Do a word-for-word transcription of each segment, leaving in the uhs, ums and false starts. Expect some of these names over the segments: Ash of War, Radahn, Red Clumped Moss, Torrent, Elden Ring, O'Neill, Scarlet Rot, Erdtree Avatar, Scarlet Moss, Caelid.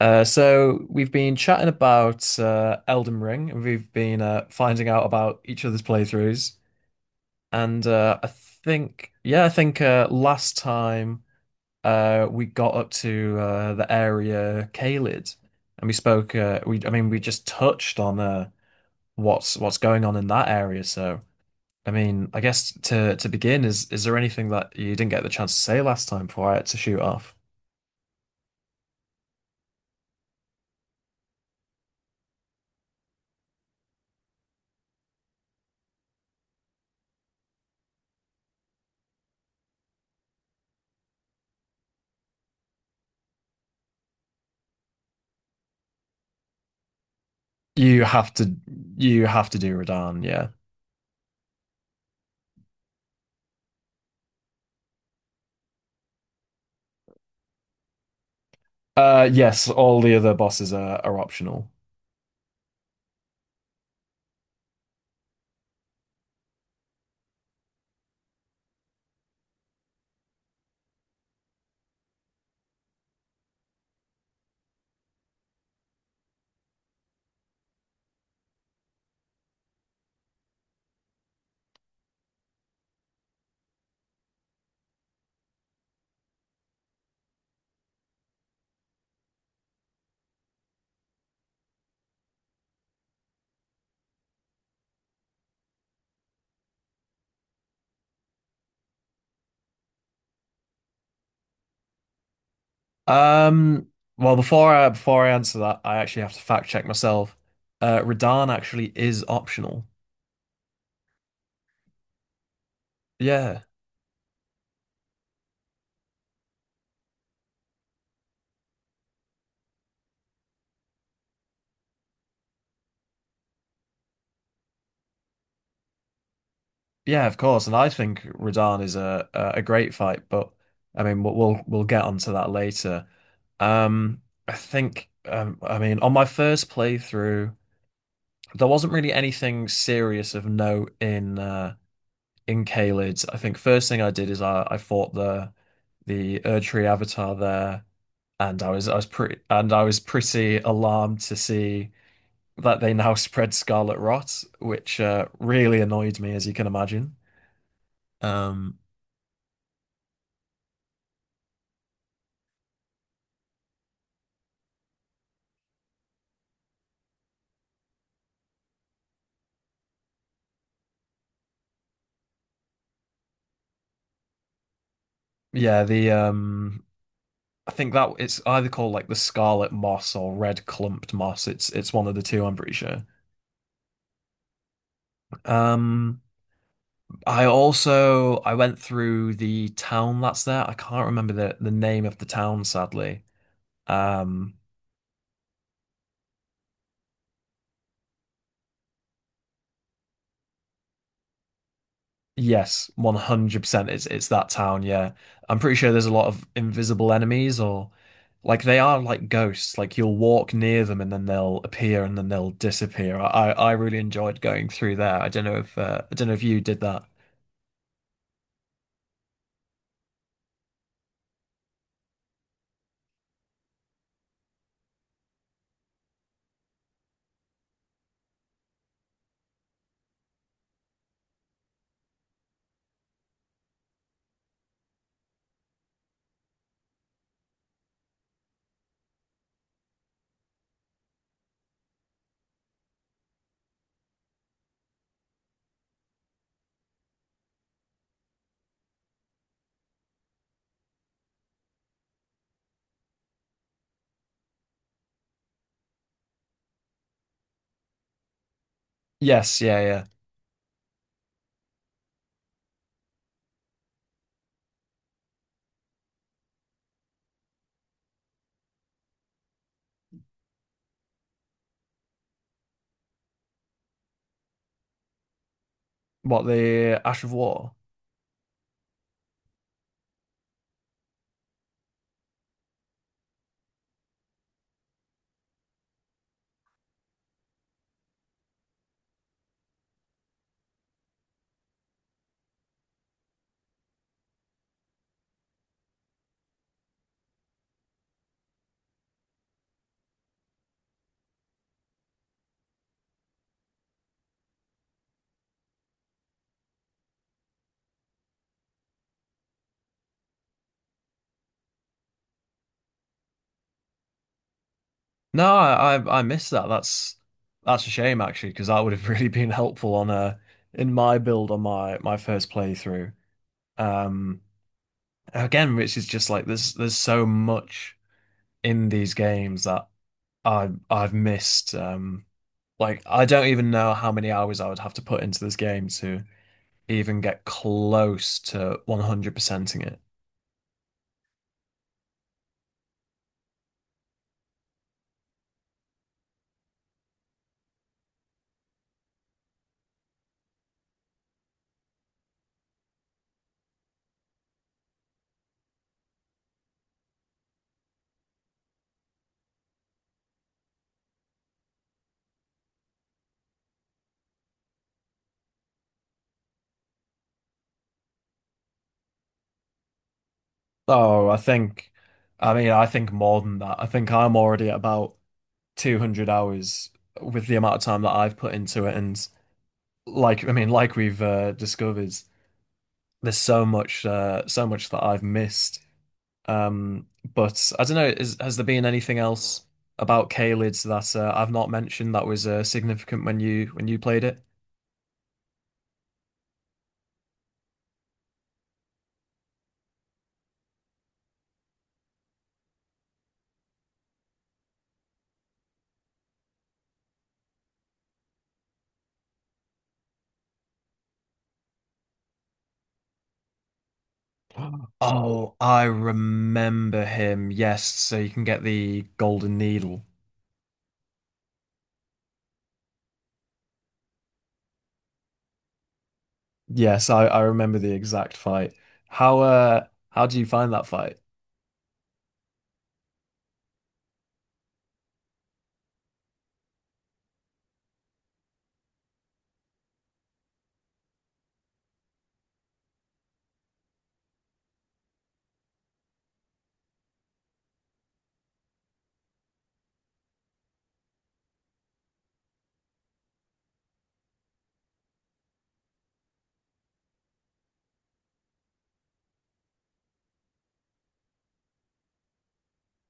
Uh, so we've been chatting about uh, Elden Ring, and we've been uh, finding out about each other's playthroughs. And uh, I think, yeah, I think uh, last time uh, we got up to uh, the area Caelid, and we spoke. Uh, we, I mean, we just touched on uh, what's what's going on in that area. So, I mean, I guess to to begin, is is there anything that you didn't get the chance to say last time before I had to shoot off? You have to, you have to do Radahn, yeah. Uh, yes, all the other bosses are, are optional. Um, well, before I before I answer that, I actually have to fact check myself. Uh, Radahn actually is optional. Yeah, yeah, of course. And I think Radahn is a a a great fight, but I mean, we'll we'll, we'll get onto that later. Um, I think um, I mean, on my first playthrough, there wasn't really anything serious of note in uh in Caelid. I think first thing I did is I, I fought the the Erdtree Avatar there, and I was I was pretty and I was pretty alarmed to see that they now spread Scarlet Rot, which uh, really annoyed me, as you can imagine. Um, yeah, the um, I think that it's either called like the Scarlet Moss or Red Clumped Moss. It's it's one of the two, I'm pretty sure. Um, I also I went through the town that's there. I can't remember the the name of the town, sadly. Um, yes, one hundred percent. It's it's that town, yeah. I'm pretty sure there's a lot of invisible enemies or like they are like ghosts. Like you'll walk near them and then they'll appear and then they'll disappear. I I I really enjoyed going through there. I don't know if uh, I don't know if you did that. Yes, yeah, yeah. What, the Ash of War? No, I I, I missed that. That's that's a shame actually because that would have really been helpful on a in my build on my my first playthrough. Um Again, which is just like there's there's so much in these games that I I've missed. Um, like I don't even know how many hours I would have to put into this game to even get close to one hundred percent ing it. Oh, I think, I mean, I think more than that. I think I'm already at about two hundred hours with the amount of time that I've put into it. And like I mean like we've uh, discovered there's so much uh, so much that I've missed. um but I don't know, is, has there been anything else about Caelid that uh, I've not mentioned that was uh, significant when you when you played it? Oh, I remember him. Yes, so you can get the golden needle. Yes, I, I remember the exact fight. How uh how do you find that fight?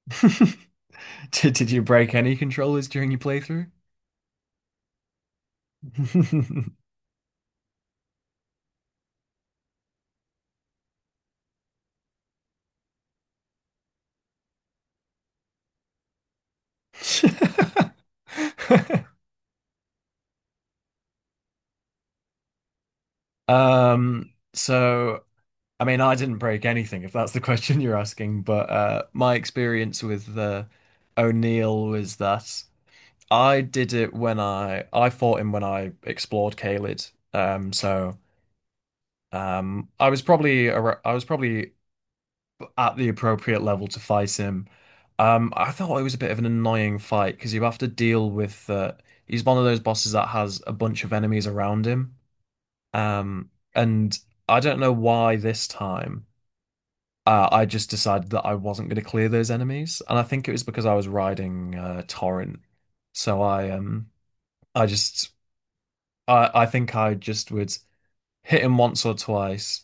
Did, did you break any controllers during your playthrough? Um, so I mean, I didn't break anything, if that's the question you're asking, but uh, my experience with uh, O'Neill was that I did it when I I fought him when I explored Caelid. Um, so um, I was probably ar- I was probably at the appropriate level to fight him. Um, I thought it was a bit of an annoying fight because you have to deal with uh, he's one of those bosses that has a bunch of enemies around him. Um, and I don't know why this time uh, I just decided that I wasn't going to clear those enemies, and I think it was because I was riding uh, Torrent. So I um I just I I think I just would hit him once or twice,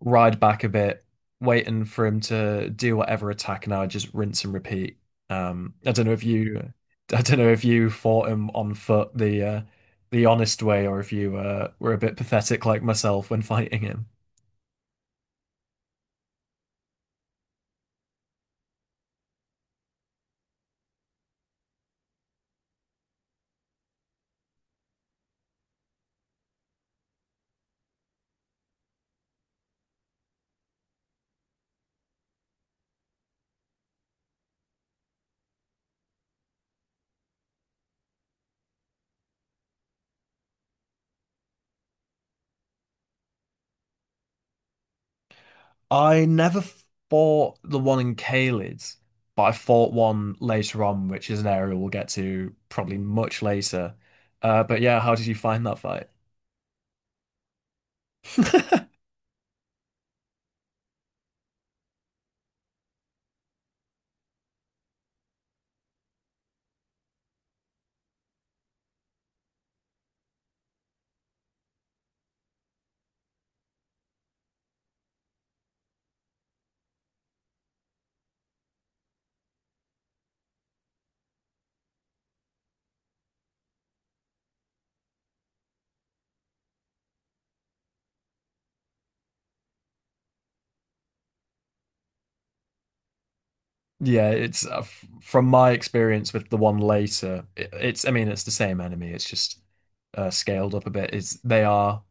ride back a bit, waiting for him to do whatever attack, and I would just rinse and repeat. Um, I don't know if you, I don't know if you fought him on foot the uh, the honest way, or if you uh, were a bit pathetic like myself when fighting him. I never fought the one in Caelid, but I fought one later on, which is an area we'll get to probably much later. Uh, but yeah, how did you find that fight? Yeah, it's uh, f from my experience with the one later. It, it's, I mean, it's the same enemy. It's just uh, scaled up a bit. It's they are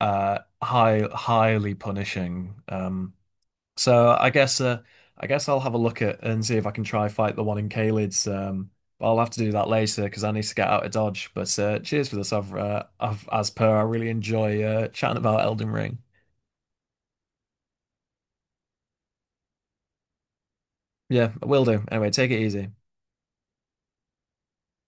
uh, high, highly punishing. Um, So I guess uh, I guess I'll have a look at and see if I can try fight the one in Caelid's. Um, but I'll have to do that later because I need to get out of Dodge. But uh, cheers for this. I've, uh, I've, as per. I really enjoy uh, chatting about Elden Ring. Yeah, will do. Anyway, take it easy.